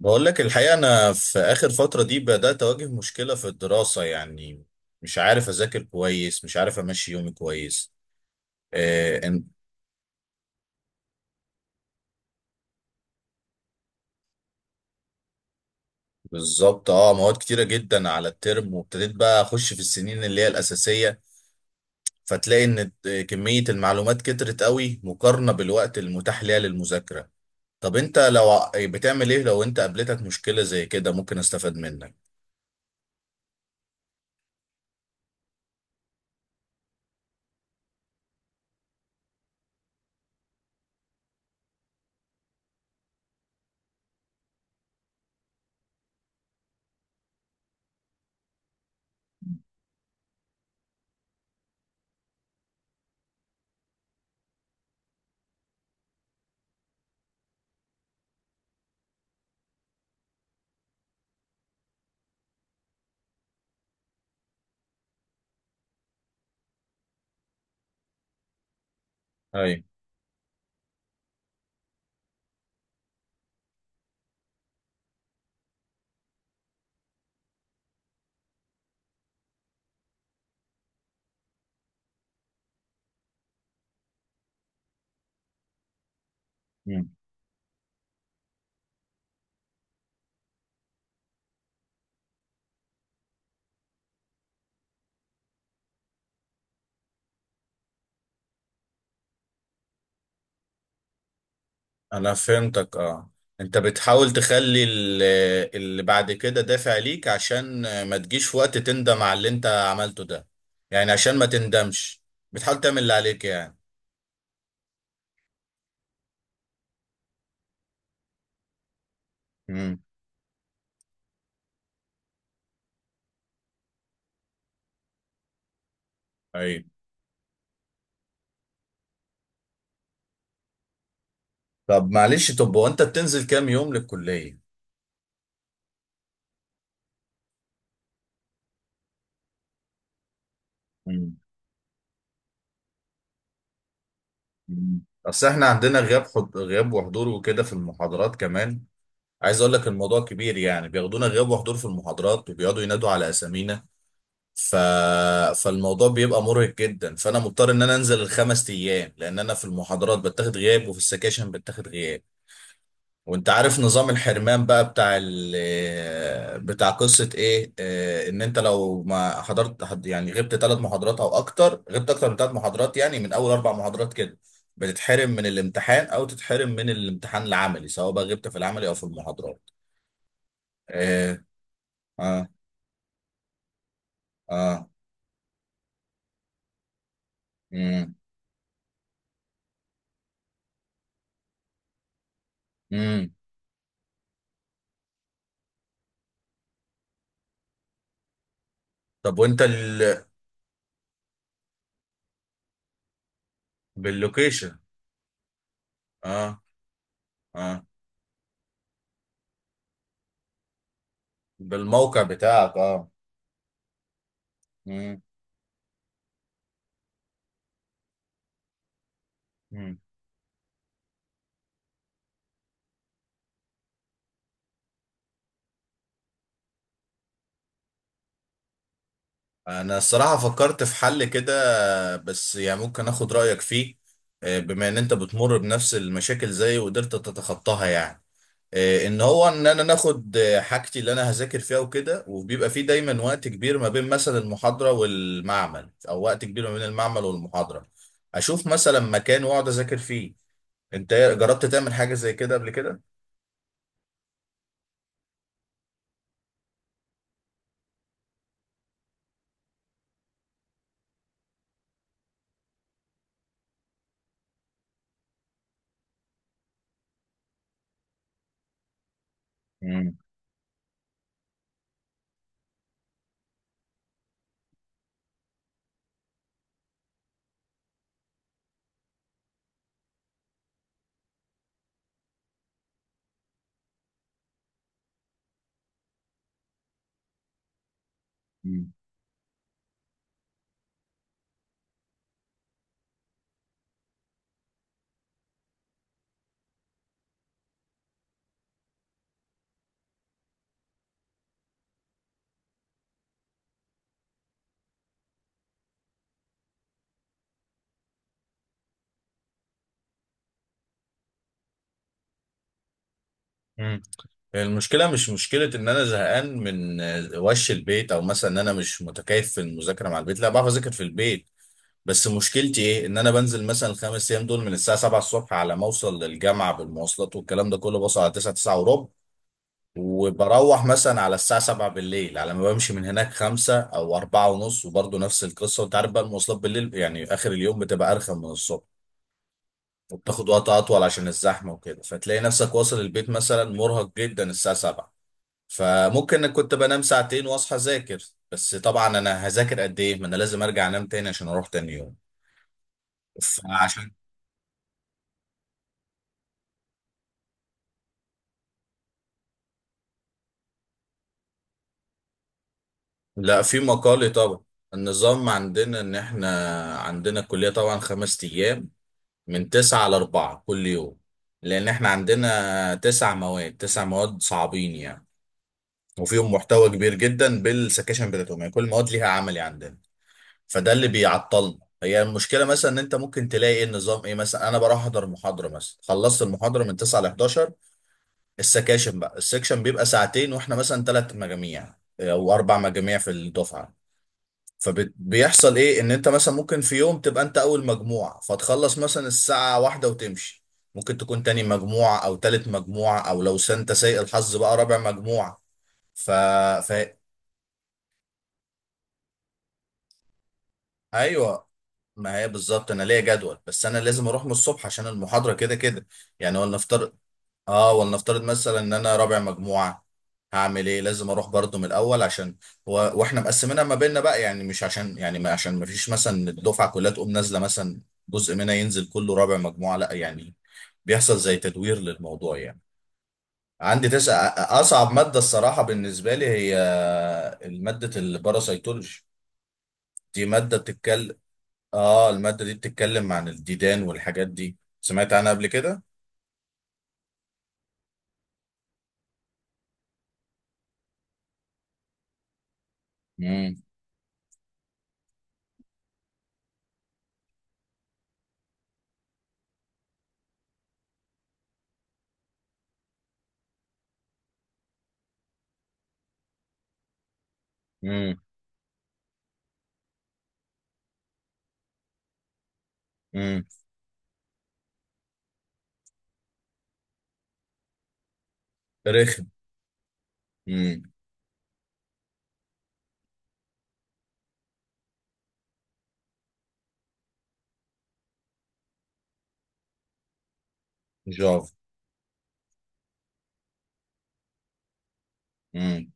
بقول لك الحقيقة، أنا في آخر فترة دي بدأت أواجه مشكلة في الدراسة يعني. مش عارف أذاكر كويس، مش عارف أمشي يومي كويس. آه إن- بالظبط، مواد كتيرة جدا على الترم، وابتديت بقى أخش في السنين اللي هي الأساسية. فتلاقي إن كمية المعلومات كترت قوي، مقارنة بالوقت المتاح ليها للمذاكرة. طب أنت لو بتعمل إيه لو أنت قابلتك مشكلة زي كده؟ ممكن أستفاد منك. أيوة. انا فهمتك، اه. انت بتحاول تخلي اللي بعد كده دافع ليك، عشان ما تجيش في وقت تندم على اللي انت عملته ده. يعني عشان ما تندمش. بتحاول تعمل اللي عليك يعني. امم. ايوه. طب معلش، طب هو انت بتنزل كام يوم للكلية؟ امم. اصل احنا عندنا غياب غياب وحضور وكده في المحاضرات كمان. عايز اقول لك الموضوع كبير، يعني بياخدونا غياب وحضور في المحاضرات، وبيقعدوا ينادوا على اسامينا. ف... فالموضوع بيبقى مرهق جدا، فانا مضطر ان انا انزل الخمس ايام، لان انا في المحاضرات بتاخد غياب، وفي السكاشن بتاخد غياب. وانت عارف نظام الحرمان بقى بتاع بتاع قصة ايه، ان انت لو ما حضرت يعني غبت ثلاث محاضرات او اكتر، غبت اكتر من ثلاث محاضرات، يعني من اول اربع محاضرات كده بتتحرم من الامتحان، او تتحرم من الامتحان العملي، سواء بقى غبت في العملي او في المحاضرات. اه. اه. اه. امم. امم. طب وانت باللوكيشن؟ اه. اه. بالموقع بتاعك، اه. مم. مم. انا الصراحة فكرت في حل كده، بس يعني ممكن اخد رأيك فيه. بما ان انت بتمر بنفس المشاكل زي وقدرت تتخطاها يعني. ان انا ناخد حاجتي اللي انا هذاكر فيها وكده، وبيبقى فيه دايما وقت كبير ما بين مثلا المحاضرة والمعمل، او وقت كبير ما بين المعمل والمحاضرة. اشوف مثلا مكان واقعد اذاكر فيه. انت جربت تعمل حاجة زي كده قبل كده؟ مم. المشكلة مش مشكلة إن أنا زهقان من وش البيت، أو مثلا إن أنا مش متكيف في المذاكرة مع البيت، لا بعرف أذاكر في البيت. بس مشكلتي إيه؟ إن أنا بنزل مثلا الخمس أيام دول من الساعة 7 الصبح، على ما أوصل للجامعة بالمواصلات والكلام ده كله، بوصل على 9 9 وربع. وبروح مثلا على الساعة 7 بالليل، على ما بمشي من هناك 5 أو 4 ونص، وبرضه نفس القصة. وأنت عارف بقى المواصلات بالليل، يعني آخر اليوم بتبقى أرخم من الصبح. وبتاخد وقت أطول عشان الزحمة وكده، فتلاقي نفسك واصل البيت مثلا مرهق جدا الساعة 7. فممكن كنت بنام ساعتين واصحى اذاكر، بس طبعا انا هذاكر قد ايه؟ ما انا لازم ارجع انام تاني عشان اروح تاني يوم. فعشان لا، في مقالي طبعا. النظام عندنا ان احنا عندنا الكلية طبعا 5 أيام، من 9 لـ4 كل يوم، لان احنا عندنا تسع مواد صعبين يعني. وفيهم محتوى كبير جدا بالسكاشن بتاعتهم، يعني كل مواد ليها عملي عندنا. فده اللي بيعطلنا هي المشكله، مثلا ان انت ممكن تلاقي إيه النظام، ايه مثلا؟ انا بروح احضر محاضره مثلا، خلصت المحاضره من 9 ل 11. السكاشن بقى السكشن بيبقى ساعتين، واحنا مثلا ثلاث مجاميع او اربع مجاميع في الدفعه. فبيحصل ايه، ان انت مثلا ممكن في يوم تبقى انت اول مجموعه فتخلص مثلا الساعه واحدة وتمشي. ممكن تكون تاني مجموعه، او تالت مجموعه، او لو انت سيء الحظ بقى، رابع مجموعه. ف... ف... ايوه. ما هي بالظبط انا ليا جدول، بس انا لازم اروح من الصبح عشان المحاضره كده كده. يعني ولنفترض، مثلا ان انا رابع مجموعه. هعمل ايه؟ لازم اروح برضو من الاول عشان واحنا مقسمينها ما بيننا بقى، يعني مش عشان يعني ما عشان ما فيش مثلا الدفعه كلها تقوم نازله مثلا، جزء منها ينزل كله رابع مجموعه، لا يعني، بيحصل زي تدوير للموضوع يعني. عندي تسع اصعب ماده الصراحه بالنسبه لي، هي ماده الباراسيتولوجي. دي ماده بتتكلم. اه. المادة دي بتتكلم عن الديدان والحاجات دي، سمعت عنها قبل كده. امم. امم. امم. رخم. امم. جافا. امم.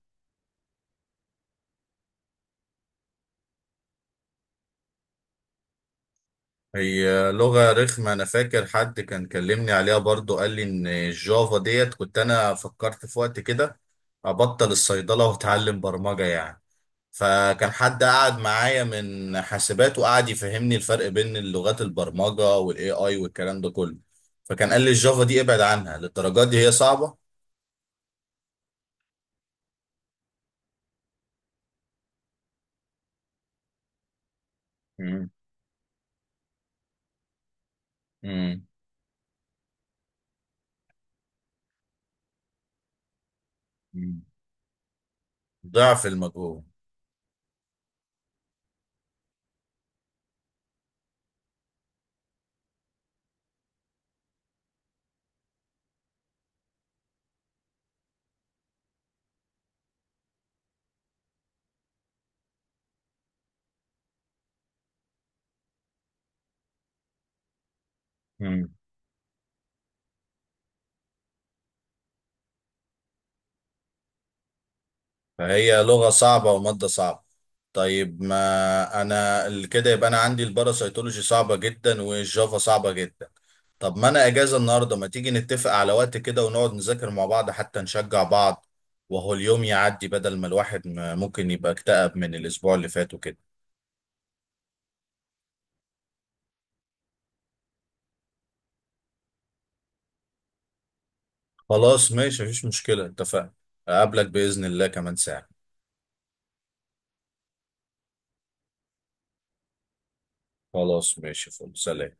هي لغة رخمة، انا فاكر حد كان كلمني عليها برضو، قال لي ان الجافا ديت. كنت انا فكرت في وقت كده ابطل الصيدلة واتعلم برمجة يعني. فكان حد قعد معايا من حاسبات، وقعد يفهمني الفرق بين اللغات البرمجة والاي اي والكلام ده كله. فكان قال لي الجافا دي ابعد عنها للدرجات دي، هي صعبة. مم. مم. ضعف المجهول. مم. فهي لغة صعبة ومادة صعبة. طيب، ما انا كده يبقى انا عندي الباراسيتولوجي صعبة جدا، والجافا صعبة جدا. طب ما انا اجازة النهاردة، ما تيجي نتفق على وقت كده ونقعد نذاكر مع بعض حتى نشجع بعض، وهو اليوم يعدي، بدل ما الواحد ممكن يبقى اكتئب من الاسبوع اللي فات وكده. خلاص، ماشي، مفيش مشكلة، اتفقنا. اقابلك بإذن الله كمان ساعة. خلاص، ماشي، فل سلام.